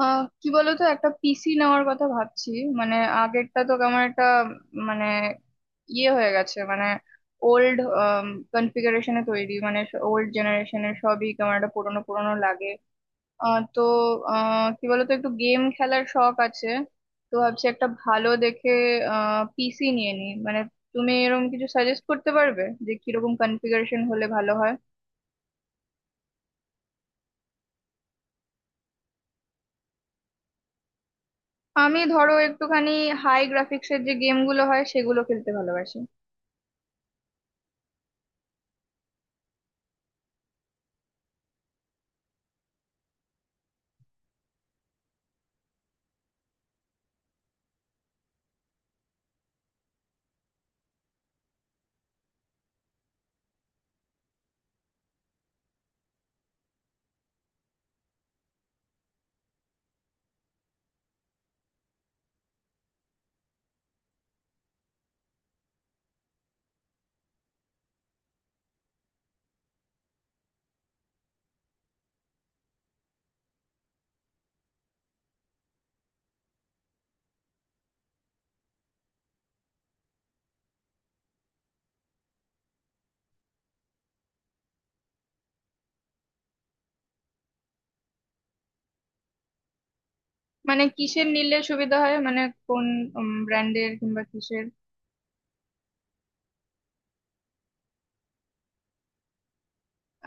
কি বলতো একটা পিসি নেওয়ার কথা ভাবছি। মানে আগেরটা তো কেমন একটা মানে ইয়ে হয়ে গেছে। মানে ওল্ড কনফিগারেশনে তৈরি, মানে ওল্ড জেনারেশনের সবই কেমন একটা পুরোনো পুরোনো লাগে। তো কি বলতো একটু গেম খেলার শখ আছে, তো ভাবছি একটা ভালো দেখে পিসি নিয়ে নিই। মানে তুমি এরকম কিছু সাজেস্ট করতে পারবে যে কিরকম কনফিগারেশন হলে ভালো হয়? আমি ধরো একটুখানি হাই গ্রাফিক্সের যে গেমগুলো হয় সেগুলো খেলতে ভালোবাসি। মানে কিসের নিলে সুবিধা হয়, মানে কোন ব্র্যান্ডের কিংবা কিসের?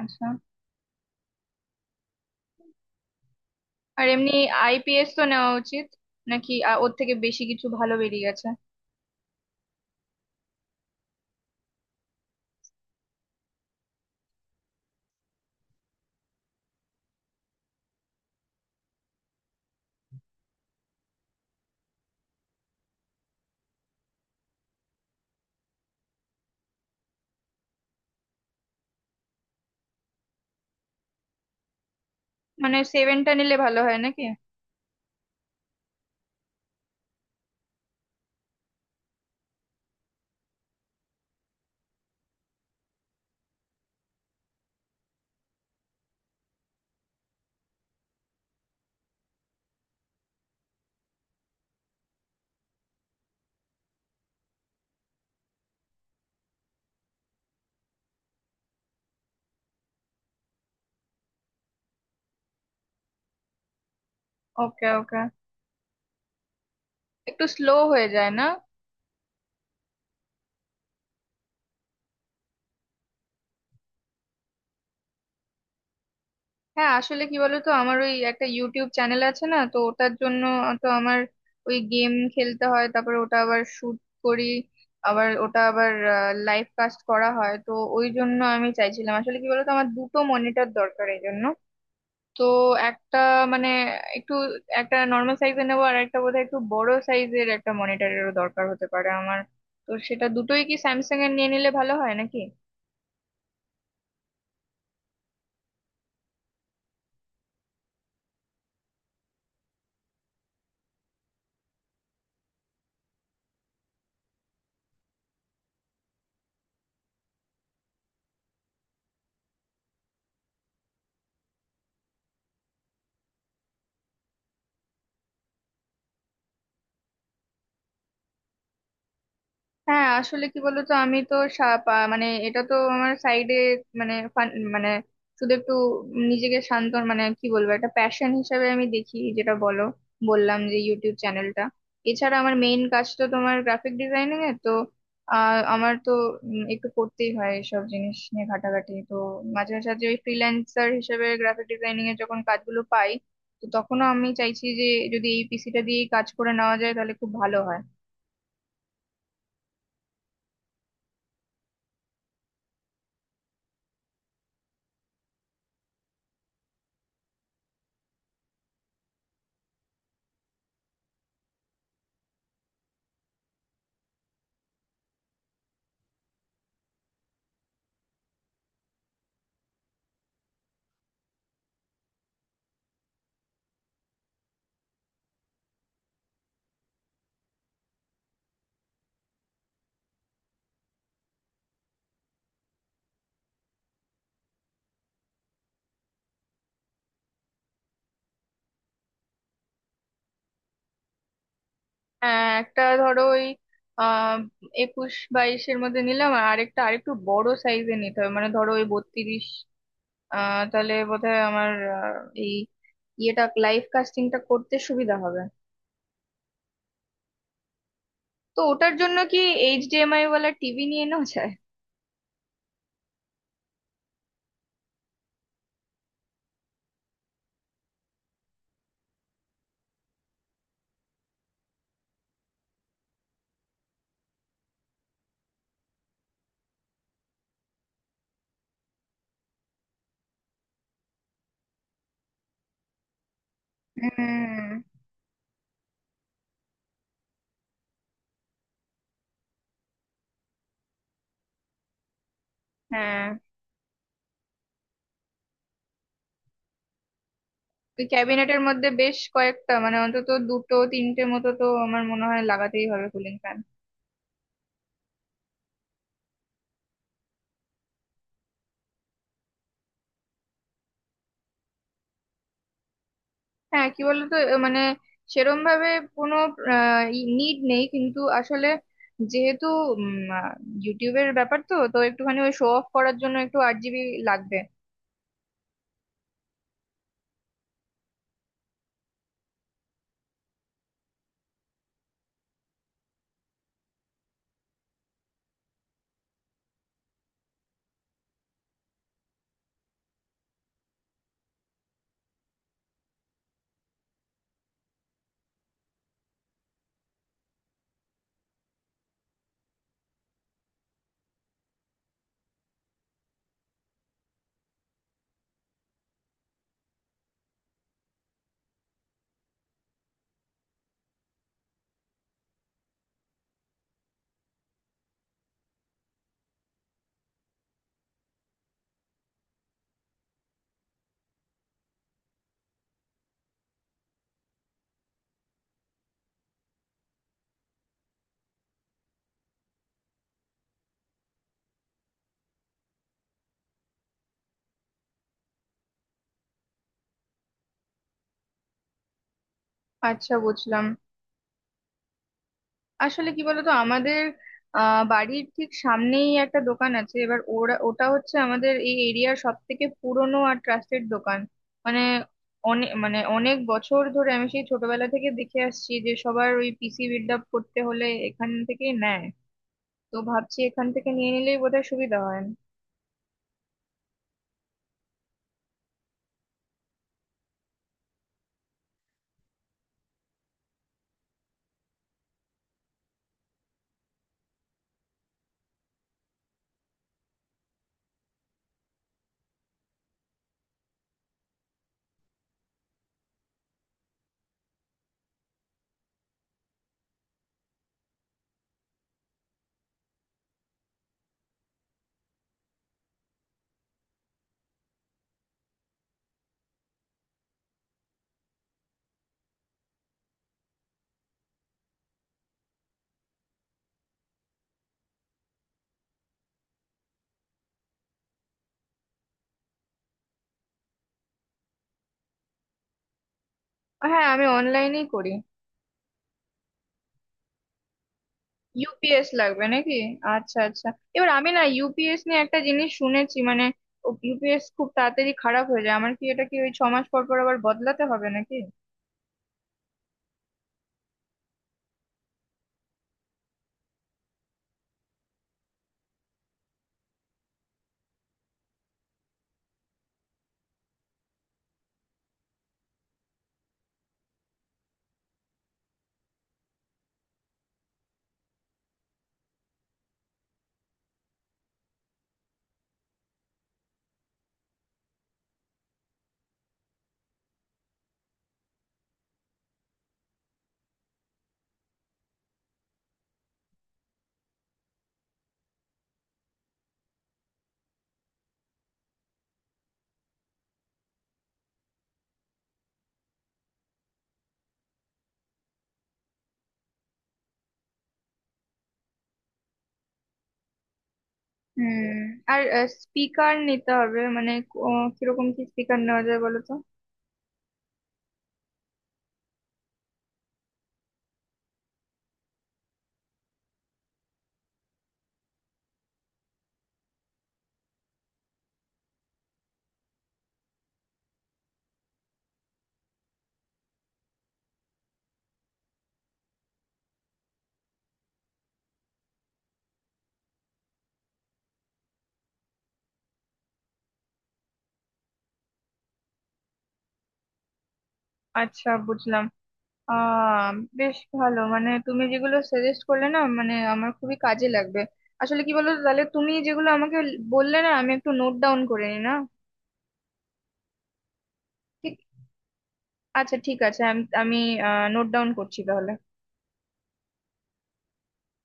আচ্ছা। আর এমনি আইপিএস তো নেওয়া উচিত নাকি ওর থেকে বেশি কিছু ভালো বেরিয়ে গেছে? মানে সেভেনটা নিলে ভালো হয় নাকি? ওকে, ওকে। একটু স্লো হয়ে যায় না? হ্যাঁ, আসলে কি বলতো, আমার ওই একটা ইউটিউব চ্যানেল আছে না, তো ওটার জন্য, তো আমার ওই গেম খেলতে হয়, তারপর ওটা আবার শুট করি, আবার ওটা আবার লাইভ কাস্ট করা হয়, তো ওই জন্য আমি চাইছিলাম। আসলে কি বলতো, আমার দুটো মনিটর দরকার এই জন্য। তো একটা, মানে একটু একটা নর্মাল সাইজের নেবো আর একটা বোধহয় একটু বড় সাইজের একটা মনিটরেরও দরকার হতে পারে আমার। তো সেটা দুটোই কি স্যামসাং এর নিয়ে নিলে ভালো হয় নাকি? হ্যাঁ, আসলে কি বলতো, আমি তো মানে এটা তো আমার সাইডে, মানে মানে শুধু একটু নিজেকে শান্ত, মানে কি বলবো, একটা প্যাশন হিসাবে আমি দেখি, যেটা বলো, বললাম যে ইউটিউব চ্যানেলটা। এছাড়া আমার মেইন কাজ তো তোমার গ্রাফিক ডিজাইনিং এ তো, আমার তো একটু করতেই হয় এসব জিনিস নিয়ে ঘাটাঘাটি। তো মাঝে মাঝে ওই ফ্রিল্যান্সার হিসেবে গ্রাফিক ডিজাইনিং এর যখন কাজগুলো পাই, তো তখনও আমি চাইছি যে যদি এই পিসিটা দিয়েই কাজ করে নেওয়া যায় তাহলে খুব ভালো হয়। হ্যাঁ, একটা ধরো ওই আহ 21-22-এর মধ্যে নিলাম আর আরেকটা আরেকটু বড় সাইজে নিতে হবে, মানে ধরো ওই 32। তাহলে বোধহয় আমার এই ইয়েটা লাইভ কাস্টিংটা করতে সুবিধা হবে। তো ওটার জন্য কি এইচডিএমআই ওয়ালা টিভি নিয়ে নেওয়া যায়? হুম। হ্যাঁ, ওই ক্যাবিনেটের মধ্যে বেশ কয়েকটা, মানে অন্তত দুটো তিনটে মতো তো আমার মনে হয় লাগাতেই হবে কুলিং ফ্যান। হ্যাঁ, কি বলতো, এ মানে সেরম ভাবে কোনো নিড নেই কিন্তু আসলে যেহেতু ইউটিউবের ব্যাপার তো তো একটুখানি ওই শো অফ করার জন্য একটু 8 জিবি লাগবে। আচ্ছা, বুঝলাম। আসলে কি বলতো, আমাদের বাড়ির ঠিক সামনেই একটা দোকান আছে, এবার ওরা, ওটা হচ্ছে আমাদের এই এরিয়ার সব থেকে পুরনো আর ট্রাস্টেড দোকান। মানে অনেক, মানে অনেক বছর ধরে আমি সেই ছোটবেলা থেকে দেখে আসছি যে সবার ওই পিসি বিল্ড আপ করতে হলে এখান থেকেই নেয়। তো ভাবছি এখান থেকে নিয়ে নিলেই বোধহয় সুবিধা হয়। হ্যাঁ, আমি অনলাইনেই করি। ইউপিএস লাগবে নাকি? আচ্ছা, আচ্ছা। এবার আমি না, ইউপিএস নিয়ে একটা জিনিস শুনেছি, মানে ইউপিএস খুব তাড়াতাড়ি খারাপ হয়ে যায়। আমার কি এটা কি ওই 6 মাস পর পর আবার বদলাতে হবে নাকি? হুম। আর স্পিকার নিতে হবে, মানে ও কিরকম কি স্পিকার নেওয়া যায় বলো তো? আচ্ছা, বুঝলাম। আহ বেশ ভালো, মানে তুমি যেগুলো সাজেস্ট করলে না, মানে আমার খুবই কাজে লাগবে। আসলে কি বলো তো, তাহলে তুমি যেগুলো আমাকে বললে না, আমি একটু নোট ডাউন করে নি না? ঠিক। আচ্ছা, ঠিক আছে, আমি আমি নোট ডাউন করছি তাহলে।